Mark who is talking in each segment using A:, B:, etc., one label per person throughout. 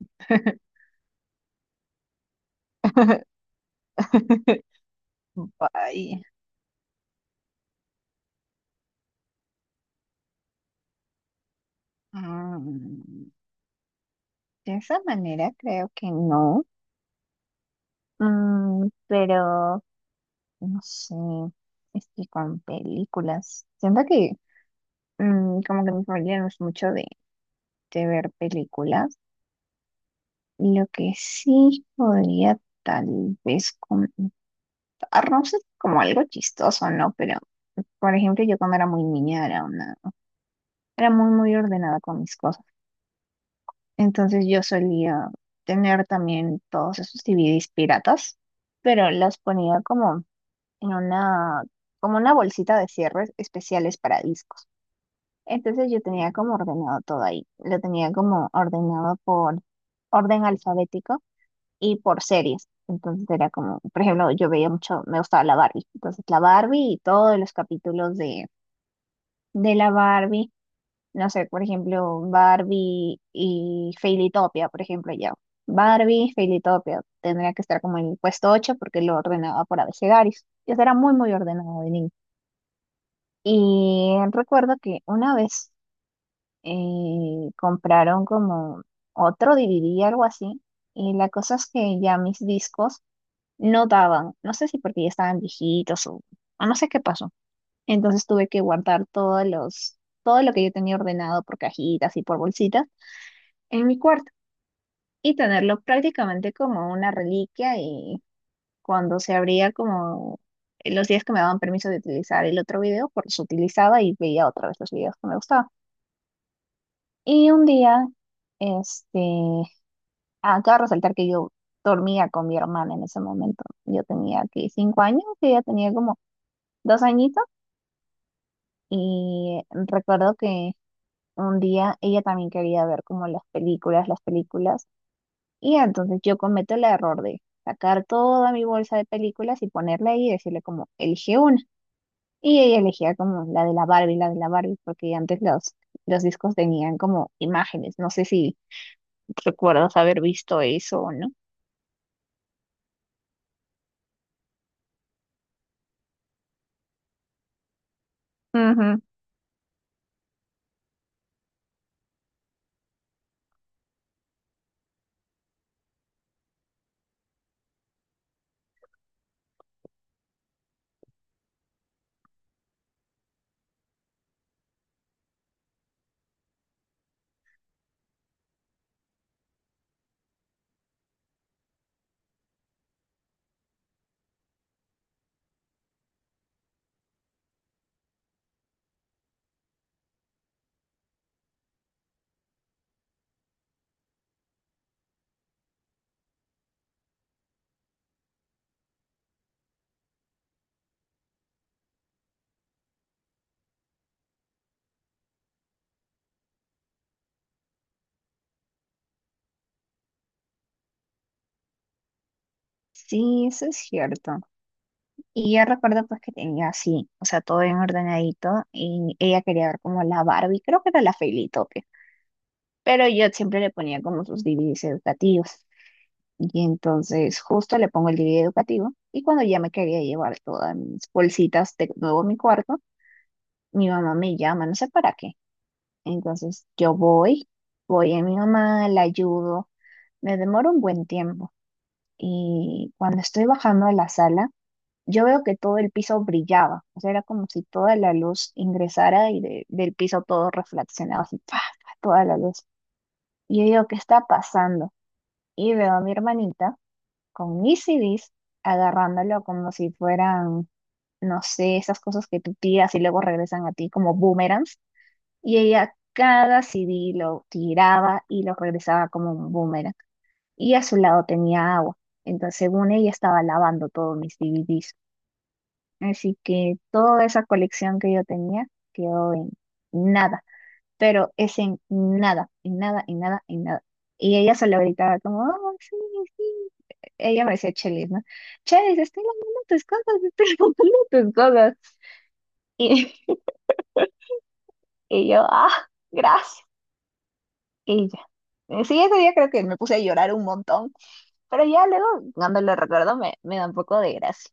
A: Vaya. Mm, de esa manera creo que no. Pero no sé. Es que con películas. Siento que como que mi familia no es mucho de ver películas. Lo que sí podría tal vez contar, no sé, como algo chistoso, ¿no? Pero, por ejemplo, yo cuando era muy niña era muy, muy ordenada con mis cosas. Entonces yo solía tener también todos esos DVDs piratas, pero las ponía como en una, como una bolsita de cierres especiales para discos. Entonces yo tenía como ordenado todo ahí. Lo tenía como ordenado por orden alfabético y por series. Entonces era como, por ejemplo, yo veía mucho, me gustaba la Barbie. Entonces la Barbie y todos los capítulos de, la Barbie no sé, por ejemplo, Barbie y Fairytopia, por ejemplo, ya. Barbie, Fairytopia, tendría que estar como en el puesto 8 porque lo ordenaba por abecedarios. Yo era muy, muy ordenado de niño. Y recuerdo que una vez compraron como otro DVD, algo así, y la cosa es que ya mis discos no daban, no sé si porque ya estaban viejitos o no sé qué pasó. Entonces tuve que guardar todo lo que yo tenía ordenado por cajitas y por bolsitas en mi cuarto y tenerlo prácticamente como una reliquia y cuando se abría como los días que me daban permiso de utilizar el otro video, pues los utilizaba y veía otra vez los videos que me gustaban. Y un día, este, acabo de resaltar que yo dormía con mi hermana en ese momento. Yo tenía aquí 5 años, que ella tenía como 2 añitos y recuerdo que un día ella también quería ver como las películas, las películas. Y entonces yo cometo el error de sacar toda mi bolsa de películas y ponerla ahí y decirle como, elige una. Y ella elegía como la de la Barbie, la de la Barbie, porque antes los, discos tenían como imágenes. No sé si recuerdas haber visto eso o no. Ujú. Sí, eso es cierto. Y yo recuerdo pues que tenía así, o sea, todo bien ordenadito y ella quería ver como la Barbie, creo que era la Felitope, pero yo siempre le ponía como sus DVDs educativos. Y entonces justo le pongo el DVD educativo y cuando ya me quería llevar todas mis bolsitas de nuevo a mi cuarto, mi mamá me llama, no sé para qué. Entonces yo voy a mi mamá, la ayudo, me demoro un buen tiempo y cuando estoy bajando a la sala, yo veo que todo el piso brillaba, o sea, era como si toda la luz ingresara y del piso todo reflexionaba así, ¡pa! Pa, toda la luz. Y yo digo, ¿qué está pasando? Y veo a mi hermanita con mis CDs, agarrándolo como si fueran, no sé, esas cosas que tú tiras y luego regresan a ti como boomerangs. Y ella cada CD lo tiraba y lo regresaba como un boomerang. Y a su lado tenía agua. Entonces, según ella, estaba lavando todos mis DVDs. Así que toda esa colección que yo tenía quedó en nada. Pero es en nada, en nada, en nada, en nada. Y ella solo gritaba como, oh, sí, sí, ella me decía Chelis, ¿no? Chelis, estoy lavando tus cosas, estoy lavando tus cosas. Y, y yo, ah, gracias. Y ya. Sí, ese día creo que me puse a llorar un montón, pero ya luego, cuando lo recuerdo, me da un poco de gracia.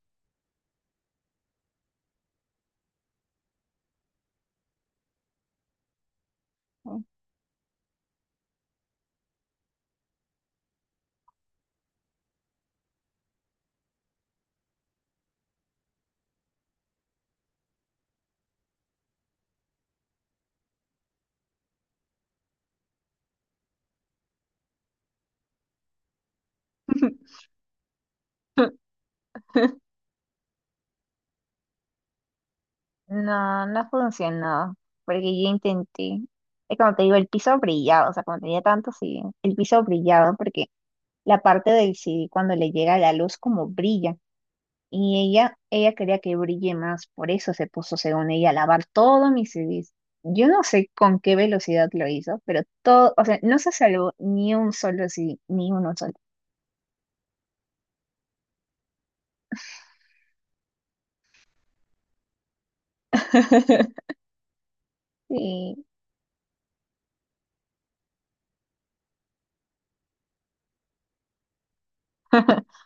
A: No, no funcionó, porque yo intenté. Es como te digo, el piso brillaba, o sea, cuando tenía tanto, sí, el piso brillaba, porque la parte del CD, cuando le llega la luz, como brilla. Y ella quería que brille más, por eso se puso, según ella, a lavar todos mis CDs. Yo no sé con qué velocidad lo hizo, pero todo, o sea, no se salvó ni un solo CD, ni uno solo. Sí.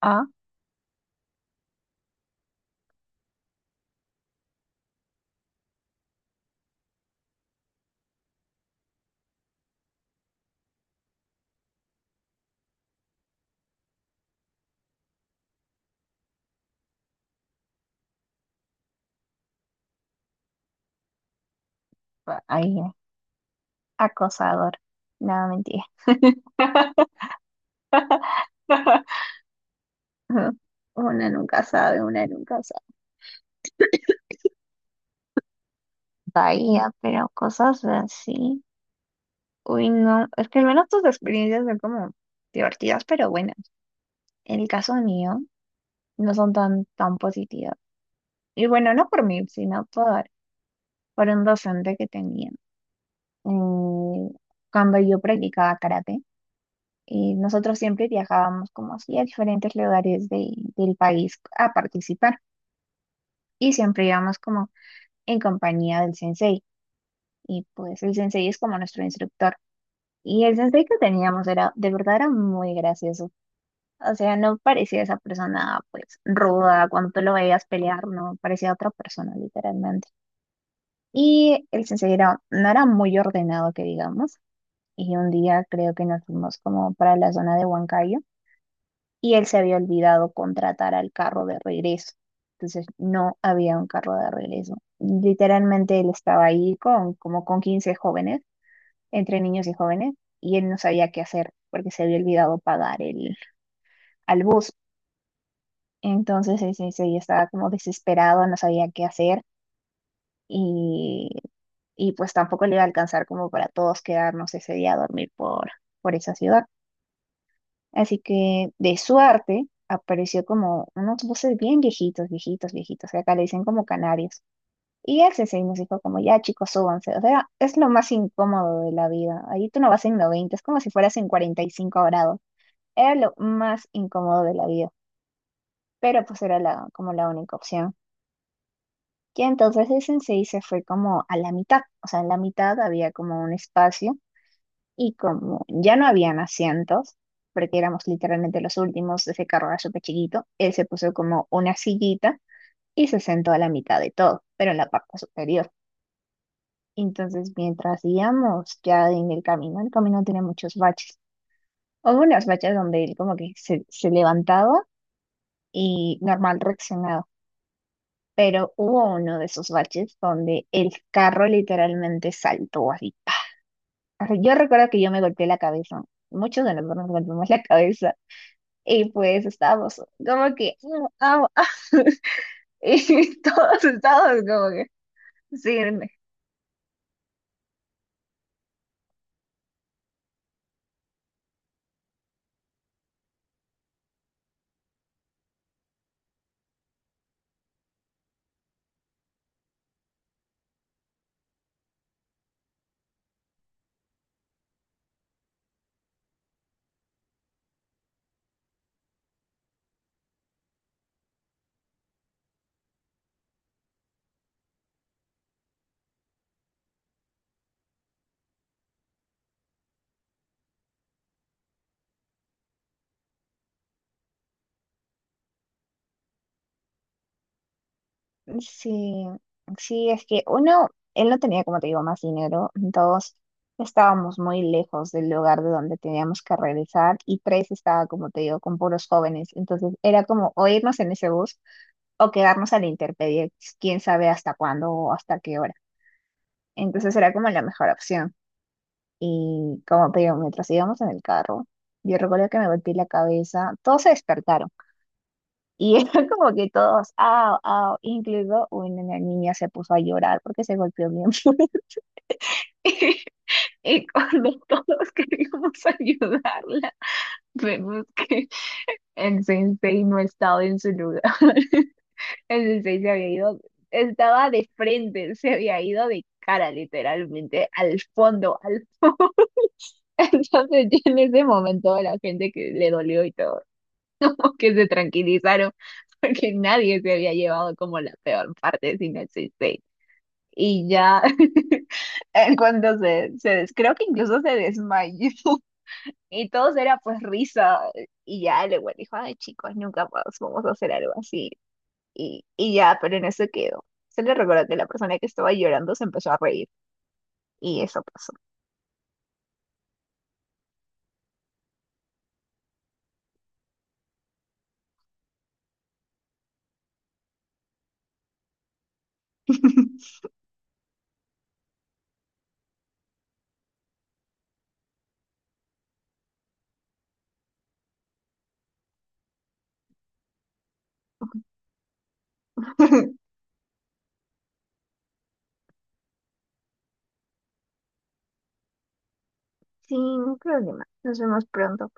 A: Ah, ahí, acosador. No, mentira. Ujú. Una nunca sabe, una nunca sabe. Bahía, pero cosas así. Uy, no. Es que al menos tus experiencias son como divertidas, pero buenas. En el caso mío, no son tan, tan positivas. Y bueno, no por mí, sino por un docente que tenía. eh, Cuando yo practicaba karate, y nosotros siempre viajábamos como así a diferentes lugares del país a participar y siempre íbamos como en compañía del sensei. Y pues el sensei es como nuestro instructor. Y el sensei que teníamos era, de verdad era muy gracioso. O sea, no parecía esa persona pues ruda, cuando tú lo veías pelear, no, parecía otra persona literalmente. Y el sensei no era muy ordenado, que digamos. Y un día creo que nos fuimos como para la zona de Huancayo y él se había olvidado contratar al carro de regreso. Entonces no había un carro de regreso. Literalmente él estaba ahí con como con 15 jóvenes, entre niños y jóvenes, y él no sabía qué hacer porque se había olvidado pagar al bus. Entonces el sensei estaba como desesperado, no sabía qué hacer. y y pues tampoco le iba a alcanzar como para todos quedarnos ese día a dormir por esa ciudad. Así que de suerte apareció como unos buses bien viejitos, viejitos, viejitos, que acá le dicen como canarios. Y él y nos dijo como, ya chicos, súbanse. O sea, es lo más incómodo de la vida. Ahí tú no vas en 90 es como si fueras en 45 grados. Era lo más incómodo de la vida, pero pues era como la única opción. Y entonces el sensei se fue como a la mitad, o sea, en la mitad había como un espacio. Y como ya no habían asientos, porque éramos literalmente los últimos, ese carro era súper chiquito, él se puso como una sillita y se sentó a la mitad de todo, pero en la parte superior. Entonces, mientras íbamos ya en el camino tenía muchos baches. Hubo unos baches donde él como que se levantaba y normal reaccionaba, pero hubo uno de esos baches donde el carro literalmente saltó así. ¡Pa! Yo recuerdo que yo me golpeé la cabeza. Muchos de nosotros nos golpeamos la cabeza. Y pues estábamos como que, "Mm, au, ah", y todos estábamos como que, sí, sí, sí, es que uno, él no tenía, como te digo, más dinero, dos, estábamos muy lejos del lugar de donde teníamos que regresar, y tres, estaba, como te digo, con puros jóvenes, entonces era como o irnos en ese bus o quedarnos a la intemperie, quién sabe hasta cuándo o hasta qué hora. Entonces era como la mejor opción. Y como te digo, mientras íbamos en el carro, yo recuerdo que me golpeé la cabeza, todos se despertaron y era como que todos, ah, ah, incluido una niña se puso a llorar porque se golpeó bien fuerte. Y cuando todos queríamos ayudarla, vemos que el sensei no estaba en su lugar. El sensei se había ido, estaba de frente, se había ido de cara literalmente al fondo, al fondo. Entonces, ya en ese momento, a la gente que le dolió y todo, como que se tranquilizaron, porque nadie se había llevado como la peor parte, sino el 6-6. Y ya, en cuando creo que incluso se desmayó, y todos era pues risa, y ya el igual dijo, ay chicos, nunca más vamos a hacer algo así, y ya, pero en eso quedó. Se le recordó que la persona que estaba llorando se empezó a reír, y eso pasó. Sin problema, nos vemos pronto.